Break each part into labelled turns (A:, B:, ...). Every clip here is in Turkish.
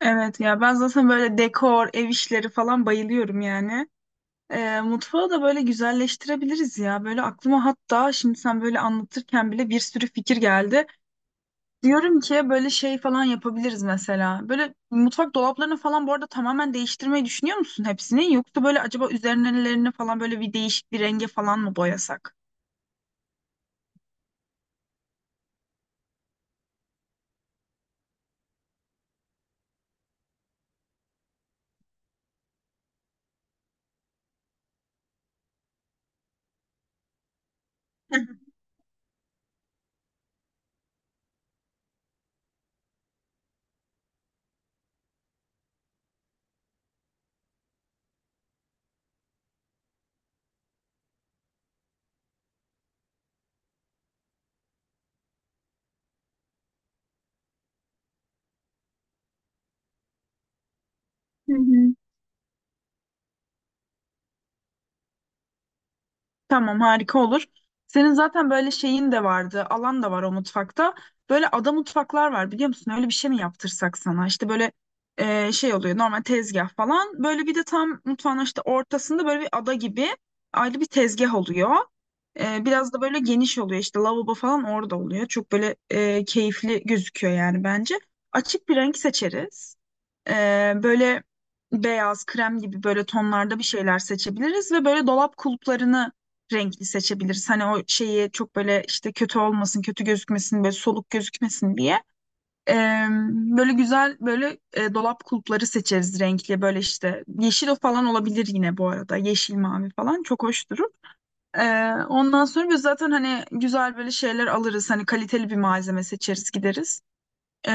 A: Evet ya ben zaten böyle dekor, ev işleri falan bayılıyorum yani. Mutfağı da böyle güzelleştirebiliriz ya. Böyle aklıma hatta şimdi sen böyle anlatırken bile bir sürü fikir geldi. Diyorum ki böyle şey falan yapabiliriz mesela. Böyle mutfak dolaplarını falan bu arada tamamen değiştirmeyi düşünüyor musun hepsini? Yoksa böyle acaba üzerlerini falan böyle bir değişik bir renge falan mı boyasak? Hı hı. Tamam, harika olur. Senin zaten böyle şeyin de vardı, alan da var o mutfakta. Böyle ada mutfaklar var, biliyor musun? Öyle bir şey mi yaptırsak sana? İşte böyle şey oluyor normal tezgah falan. Böyle bir de tam mutfağın işte ortasında böyle bir ada gibi ayrı bir tezgah oluyor. E, biraz da böyle geniş oluyor, işte lavabo falan orada oluyor. Çok böyle keyifli gözüküyor yani bence. Açık bir renk seçeriz. Böyle beyaz, krem gibi böyle tonlarda bir şeyler seçebiliriz ve böyle dolap kulplarını renkli seçebiliriz. Hani o şeyi çok böyle işte kötü olmasın, kötü gözükmesin, böyle soluk gözükmesin diye. Ee, Böyle güzel böyle dolap kulpları seçeriz renkli. Böyle işte yeşil falan olabilir yine bu arada. Yeşil, mavi falan çok hoş durur. Ondan sonra biz zaten hani güzel böyle şeyler alırız. Hani kaliteli bir malzeme seçeriz, gideriz. Ee,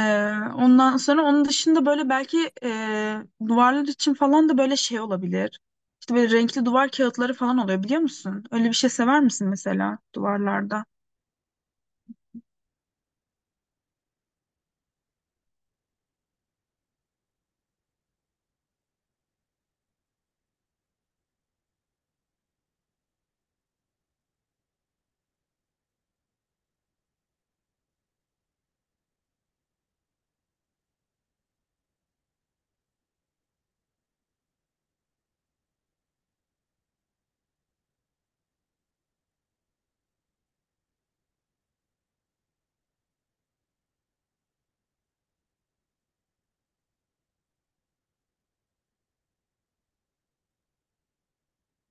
A: Ondan sonra onun dışında böyle belki duvarlar için falan da böyle şey olabilir. İşte böyle renkli duvar kağıtları falan oluyor, biliyor musun? Öyle bir şey sever misin mesela duvarlarda?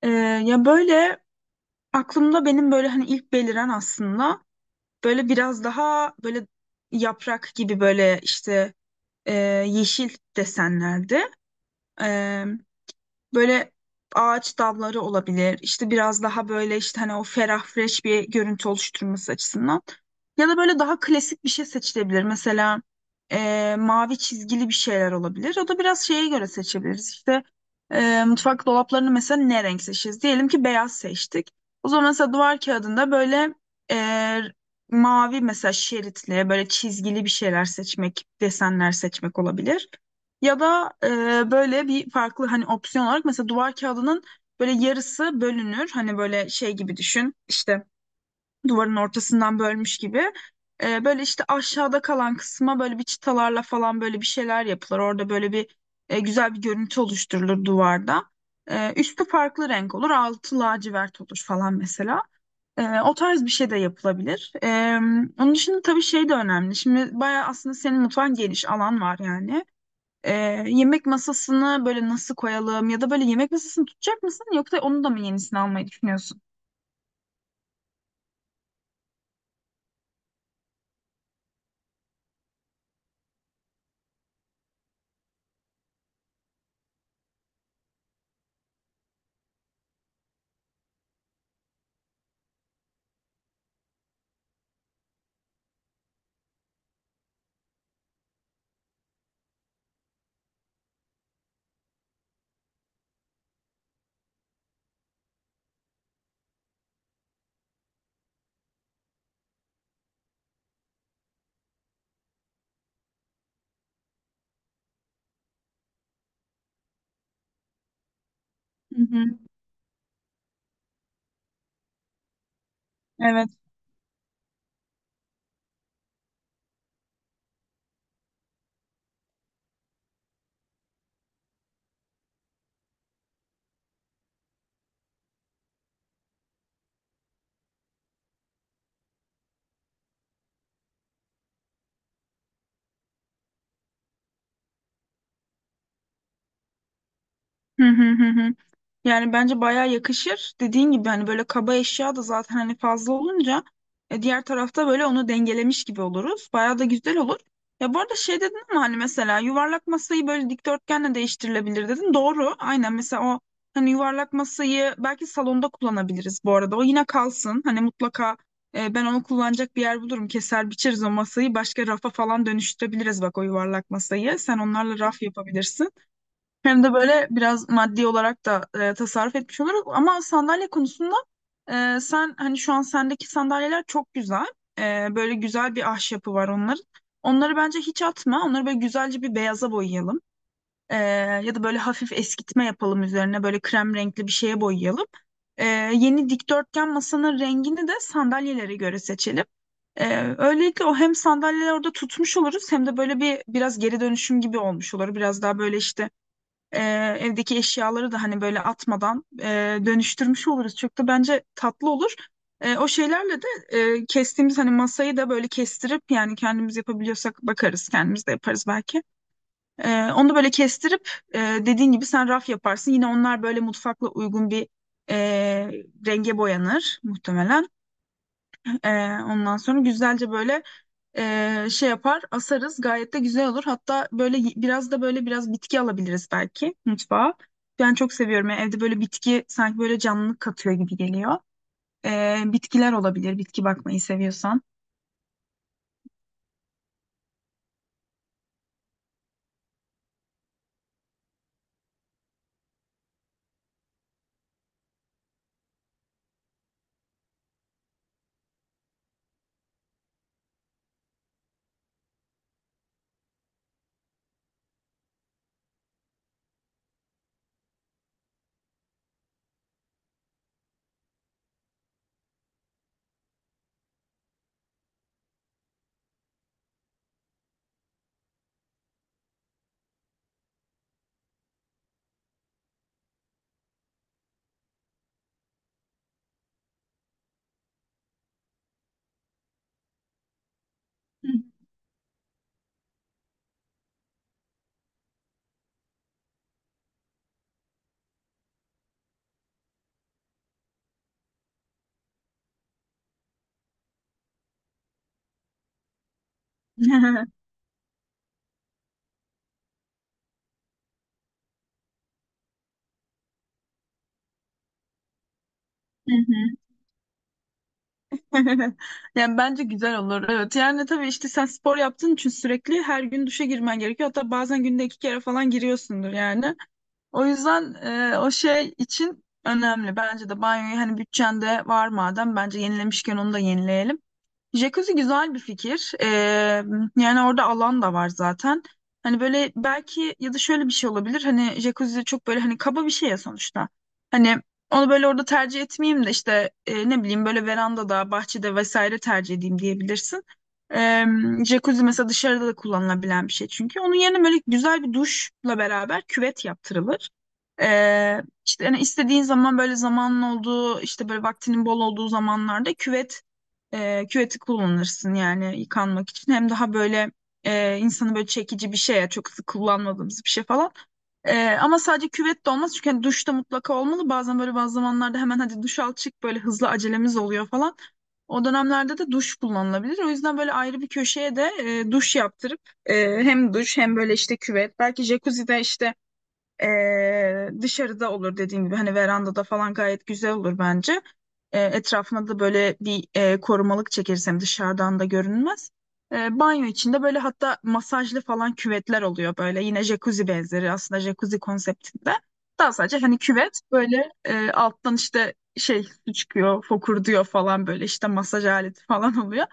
A: Ee, Ya böyle aklımda benim böyle hani ilk beliren aslında. Böyle biraz daha böyle yaprak gibi böyle işte e, yeşil desenlerde. Böyle ağaç dalları olabilir. İşte biraz daha böyle işte hani o ferah fresh bir görüntü oluşturması açısından. Ya da böyle daha klasik bir şey seçilebilir. Mesela mavi çizgili bir şeyler olabilir. O da biraz şeye göre seçebiliriz. İşte mutfak dolaplarını mesela ne renk seçeceğiz? Diyelim ki beyaz seçtik. O zaman mesela duvar kağıdında böyle e, mavi mesela şeritli böyle çizgili bir şeyler seçmek, desenler seçmek olabilir. Ya da böyle bir farklı hani opsiyon olarak mesela duvar kağıdının böyle yarısı bölünür. Hani böyle şey gibi düşün, işte duvarın ortasından bölmüş gibi. E, böyle işte aşağıda kalan kısma böyle bir çıtalarla falan böyle bir şeyler yapılır. Orada böyle bir güzel bir görüntü oluşturulur duvarda. E, üstü farklı renk olur, altı lacivert olur falan mesela. E, o tarz bir şey de yapılabilir. Onun dışında tabii şey de önemli. Şimdi bayağı aslında senin mutfağın geniş, alan var yani. Yemek masasını böyle nasıl koyalım ya da böyle yemek masasını tutacak mısın, yoksa onu da mı yenisini almayı düşünüyorsun? Hı hı. Evet. Hı hı hı hı. Yani bence bayağı yakışır. Dediğin gibi hani böyle kaba eşya da zaten hani fazla olunca diğer tarafta böyle onu dengelemiş gibi oluruz. Bayağı da güzel olur. Ya bu arada şey dedin ama hani mesela yuvarlak masayı böyle dikdörtgenle değiştirilebilir dedin. Doğru. Aynen, mesela o hani yuvarlak masayı belki salonda kullanabiliriz bu arada. O yine kalsın. Hani mutlaka ben onu kullanacak bir yer bulurum. Keser biçeriz o masayı. Başka rafa falan dönüştürebiliriz bak o yuvarlak masayı. Sen onlarla raf yapabilirsin. Hem de böyle biraz maddi olarak da tasarruf etmiş oluruz. Ama sandalye konusunda sen hani şu an sendeki sandalyeler çok güzel. E, böyle güzel bir ahşapı var onların. Onları bence hiç atma. Onları böyle güzelce bir beyaza boyayalım. E, Ya da böyle hafif eskitme yapalım üzerine. Böyle krem renkli bir şeye boyayalım. E, Yeni dikdörtgen masanın rengini de sandalyelere göre seçelim. E, böylelikle o hem sandalyeler orada tutmuş oluruz, hem de böyle bir biraz geri dönüşüm gibi olmuş olur. Biraz daha böyle işte e, evdeki eşyaları da hani böyle atmadan dönüştürmüş oluruz. Çok da bence tatlı olur. O şeylerle de kestiğimiz hani masayı da böyle kestirip, yani kendimiz yapabiliyorsak bakarız kendimiz de yaparız belki. E, onu da böyle kestirip e, dediğin gibi sen raf yaparsın. Yine onlar böyle mutfakla uygun bir e, renge boyanır muhtemelen. E, Ondan sonra güzelce böyle şey yapar asarız, gayet de güzel olur. Hatta böyle biraz da böyle biraz bitki alabiliriz belki mutfağa. Ben çok seviyorum. Yani evde böyle bitki sanki böyle canlılık katıyor gibi geliyor. E, bitkiler olabilir, bitki bakmayı seviyorsan. Hı hı. Yani bence güzel olur. Evet. Yani tabii işte sen spor yaptığın için sürekli her gün duşa girmen gerekiyor. Hatta bazen günde iki kere falan giriyorsundur yani. O yüzden o şey için önemli. Bence de banyoyu hani bütçende var madem, bence yenilemişken onu da yenileyelim. Jacuzzi güzel bir fikir. Yani orada alan da var zaten. Hani böyle belki ya da şöyle bir şey olabilir. Hani jacuzzi çok böyle hani kaba bir şey ya sonuçta. Hani onu böyle orada tercih etmeyeyim de işte ne bileyim böyle verandada, bahçede vesaire tercih edeyim diyebilirsin. Ee, Jacuzzi mesela dışarıda da kullanılabilen bir şey çünkü. Onun yerine böyle güzel bir duşla beraber küvet yaptırılır. İşte hani istediğin zaman, böyle zamanın olduğu işte böyle vaktinin bol olduğu zamanlarda küvet küveti kullanırsın yani yıkanmak için. Hem daha böyle insanı böyle çekici bir şey ya, çok sık kullanmadığımız bir şey falan. E, ama sadece küvet de olmaz çünkü hani duş da mutlaka olmalı. Bazen böyle bazı zamanlarda hemen hadi duş al çık, böyle hızlı acelemiz oluyor falan. O dönemlerde de duş kullanılabilir. O yüzden böyle ayrı bir köşeye de duş yaptırıp hem duş hem böyle işte küvet belki, jacuzzi de işte dışarıda olur dediğim gibi, hani verandada falan gayet güzel olur bence. Etrafına da böyle bir korumalık çekersem dışarıdan da görünmez. Banyo içinde böyle hatta masajlı falan küvetler oluyor, böyle yine jacuzzi benzeri, aslında jacuzzi konseptinde. Daha sadece hani küvet böyle alttan işte şey su çıkıyor fokur diyor falan, böyle işte masaj aleti falan oluyor.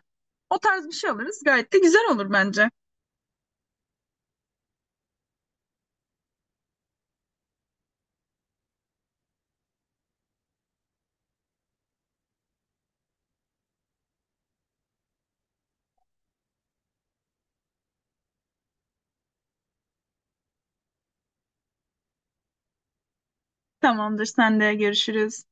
A: O tarz bir şey alırız gayet de güzel olur bence. Tamamdır, sen de görüşürüz.